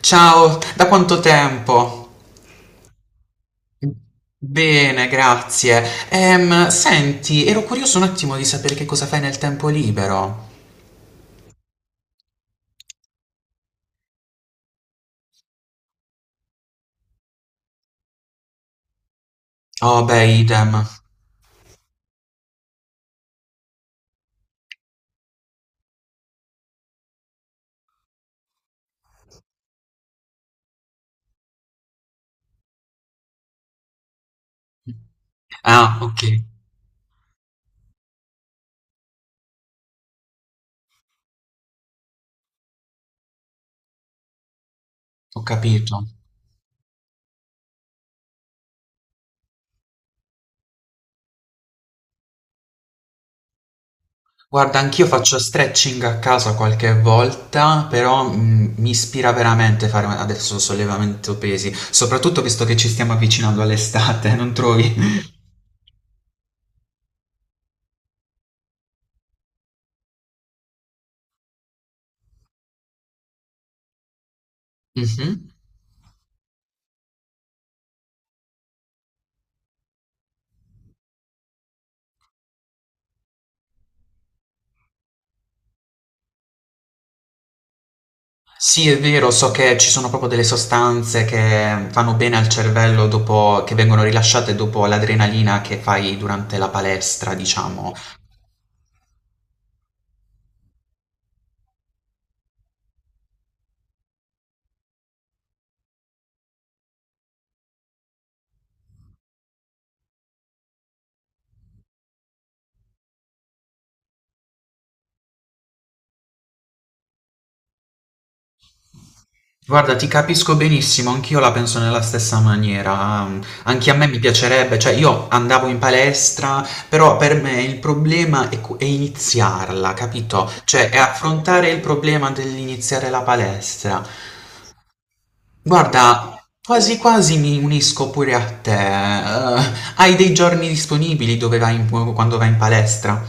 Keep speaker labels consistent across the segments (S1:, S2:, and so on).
S1: Ciao, da quanto tempo? Bene, grazie. Senti, ero curioso un attimo di sapere che cosa fai nel tempo libero. Oh, beh, idem. Ah, ok, ho capito. Guarda, anch'io faccio stretching a casa qualche volta, però mi ispira veramente fare adesso sollevamento pesi, soprattutto visto che ci stiamo avvicinando all'estate, non trovi? Mhm. Sì, è vero, so che ci sono proprio delle sostanze che fanno bene al cervello dopo che vengono rilasciate dopo l'adrenalina che fai durante la palestra, diciamo. Guarda, ti capisco benissimo, anch'io la penso nella stessa maniera. Anche a me mi piacerebbe, cioè io andavo in palestra, però per me il problema è, è iniziarla, capito? Cioè è affrontare il problema dell'iniziare la palestra. Guarda, quasi quasi mi unisco pure a te. Hai dei giorni disponibili dove quando vai in palestra?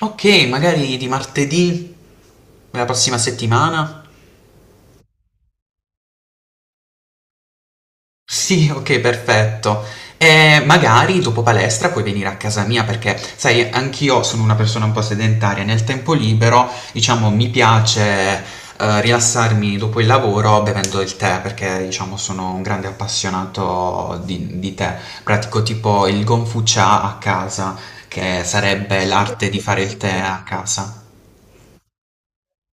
S1: Ok, magari di martedì, la prossima settimana. Sì, okay, perfetto. Magari dopo palestra puoi venire a casa mia perché, sai, anch'io sono una persona un po' sedentaria. Nel tempo libero, diciamo, mi piace, rilassarmi dopo il lavoro bevendo il tè perché, diciamo, sono un grande appassionato di tè. Pratico tipo il Gongfu Cha a casa, che sarebbe l'arte di fare il tè a casa.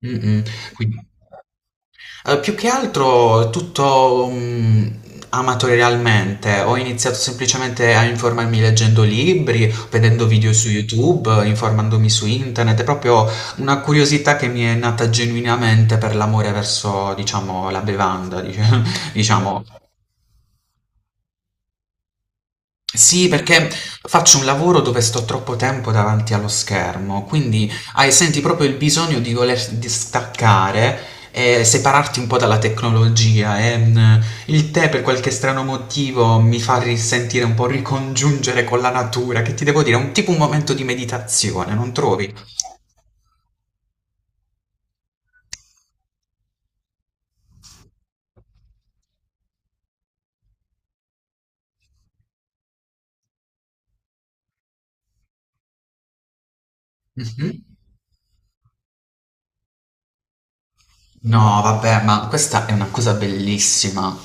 S1: Mh-mh, quindi più che altro tutto amatorialmente, ho iniziato semplicemente a informarmi leggendo libri, vedendo video su YouTube, informandomi su internet, è proprio una curiosità che mi è nata genuinamente per l'amore verso, diciamo, la bevanda, diciamo. Sì, perché faccio un lavoro dove sto troppo tempo davanti allo schermo, quindi hai, senti proprio il bisogno di voler distaccare e separarti un po' dalla tecnologia. E, il tè, per qualche strano motivo, mi fa risentire un po' ricongiungere con la natura, che ti devo dire, è un tipo un momento di meditazione, non trovi? Mhm. No, vabbè, ma questa è una cosa bellissima.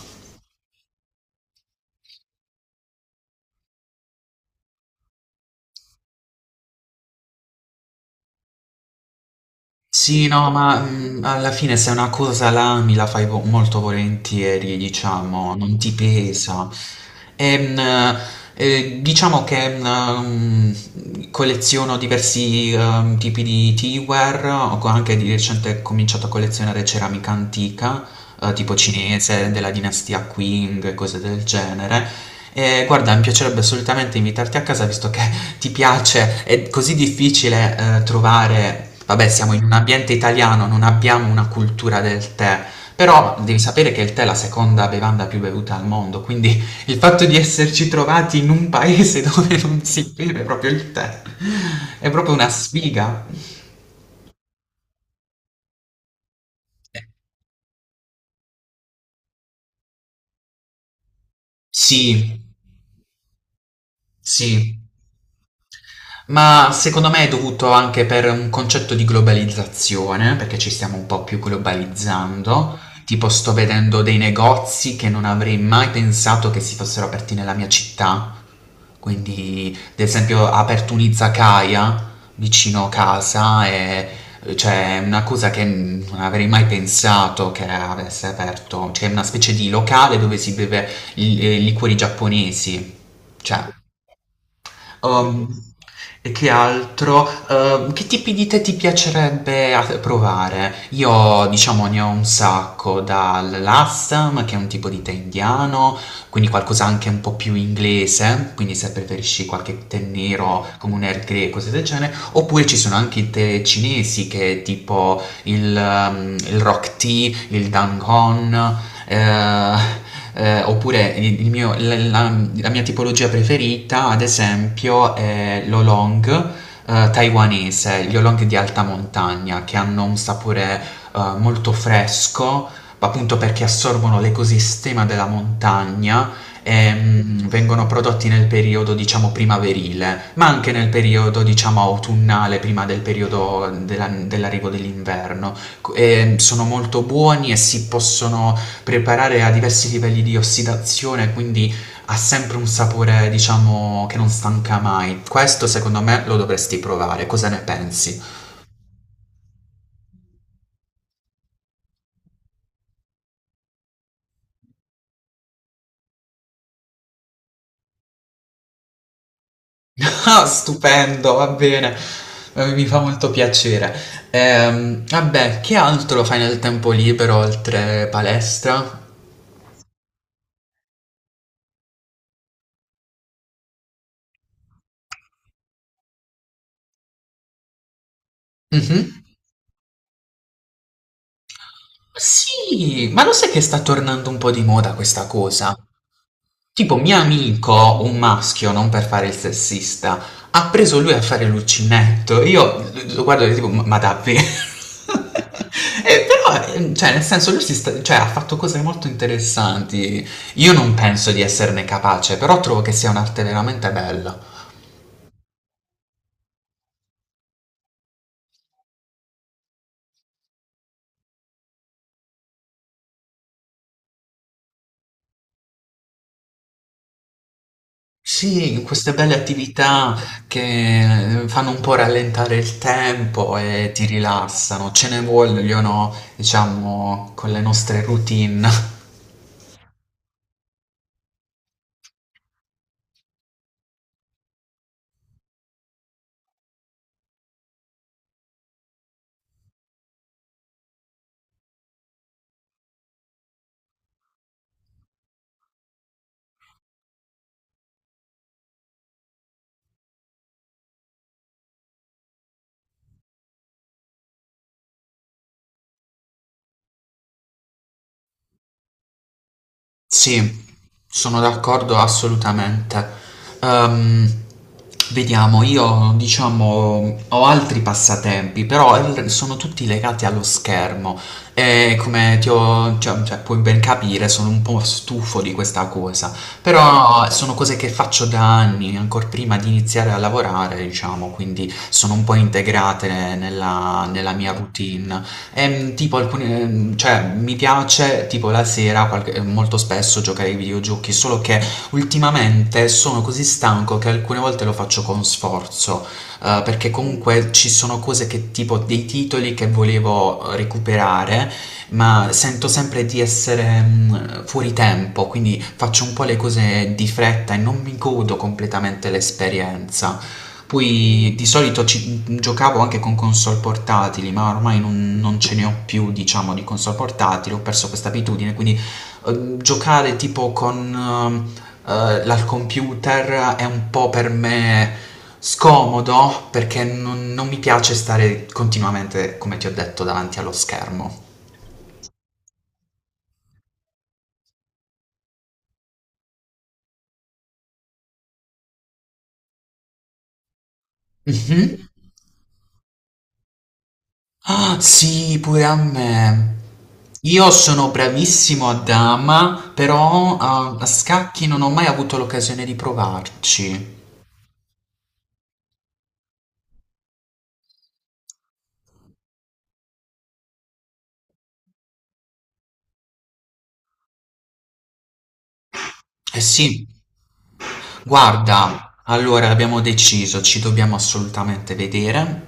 S1: Sì, no, ma alla fine se è una cosa l'ami, la fai molto volentieri, diciamo, non ti pesa. E, diciamo che mm, colleziono diversi tipi di teaware, anche di recente cominciato a collezionare ceramica antica tipo cinese, della dinastia Qing, cose del genere. E guarda, mi piacerebbe assolutamente invitarti a casa visto che ti piace, è così difficile, trovare vabbè siamo in un ambiente italiano, non abbiamo una cultura del tè, però devi sapere che il tè è la seconda bevanda più bevuta al mondo, quindi il fatto di esserci trovati in un paese dove non si beve proprio il tè è proprio una sfiga. Eh, sì, sì. Ma secondo me è dovuto anche per un concetto di globalizzazione, perché ci stiamo un po' più globalizzando. Tipo, sto vedendo dei negozi che non avrei mai pensato che si fossero aperti nella mia città. Quindi, ad esempio, ha aperto un'izakaya vicino casa e cioè, è una cosa che non avrei mai pensato che avesse aperto. Cioè, è una specie di locale dove si beve i liquori giapponesi. Cioè, Ehm, e che altro? Che tipi di tè ti piacerebbe provare? Io, diciamo, ne ho un sacco, dall'Assam, che è un tipo di tè indiano, quindi qualcosa anche un po' più inglese, quindi se preferisci qualche tè nero come un Earl Grey, cose del genere, oppure ci sono anche i tè cinesi che è tipo il rock tea, il dangon, eh, oppure il mio- la, la- la mia tipologia preferita, ad esempio, è l'olong taiwanese, gli oolong di alta montagna, che hanno un sapore molto fresco, appunto perché assorbono l'ecosistema della montagna e vengono prodotti nel periodo, diciamo, primaverile, ma anche nel periodo, diciamo, autunnale, prima del dell'arrivo dell'inverno. Sono molto buoni e si possono preparare a diversi livelli di ossidazione, quindi ha sempre un sapore, diciamo, che non stanca mai. Questo secondo me lo dovresti provare. Cosa ne pensi? Ah, stupendo, va bene. Mi fa molto piacere. Vabbè, che altro fai nel tempo libero oltre palestra? Mhm. Sì, ma lo sai che sta tornando un po' di moda questa cosa? Tipo mio amico, un maschio, non per fare il sessista, ha preso lui a fare l'uncinetto. Io lo guardo e tipo, ma davvero? E però, cioè, nel senso, cioè, ha fatto cose molto interessanti. Io non penso di esserne capace, però trovo che sia un'arte veramente bella. Sì, queste belle attività che fanno un po' rallentare il tempo e ti rilassano. Ce ne vogliono, diciamo, con le nostre routine. Sì, sono d'accordo assolutamente. Ehm, vediamo, io diciamo ho altri passatempi, sono tutti legati allo schermo e come ti ho, cioè, puoi ben capire, sono un po' stufo di questa cosa, però sono cose che faccio da anni, ancora prima di iniziare a lavorare, diciamo, quindi sono un po' integrate nella mia routine. Tipo alcuni, cioè mi piace tipo la sera molto spesso giocare ai videogiochi, solo che ultimamente sono così stanco che alcune volte lo faccio con sforzo, perché comunque ci sono cose che tipo dei titoli che volevo recuperare, ma sento sempre di essere fuori tempo, quindi faccio un po' le cose di fretta e non mi godo completamente l'esperienza. Poi di solito giocavo anche con console portatili, ma ormai non ce ne ho più, diciamo, di console portatili, ho perso questa abitudine, quindi giocare tipo con l'al computer è un po' per me scomodo perché non mi piace stare continuamente, come ti ho detto, davanti allo schermo. Mhm. Ah, sì, pure a me. Io sono bravissimo a dama, però ah, a scacchi non ho mai avuto l'occasione di provarci. Eh sì. Guarda, allora abbiamo deciso, ci dobbiamo assolutamente vedere,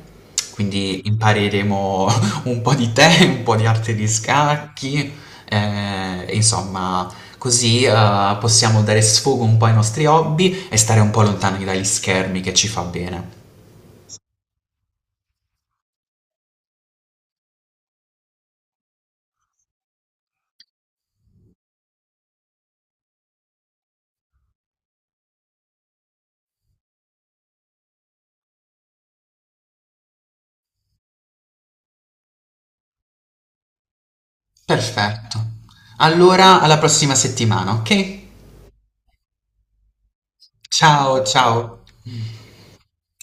S1: quindi impareremo un po' di te, un po' di arte di scacchi, insomma, così possiamo dare sfogo un po' ai nostri hobby e stare un po' lontani dagli schermi che ci fa bene. Perfetto. Allora, alla prossima settimana, ok? Ciao, ciao.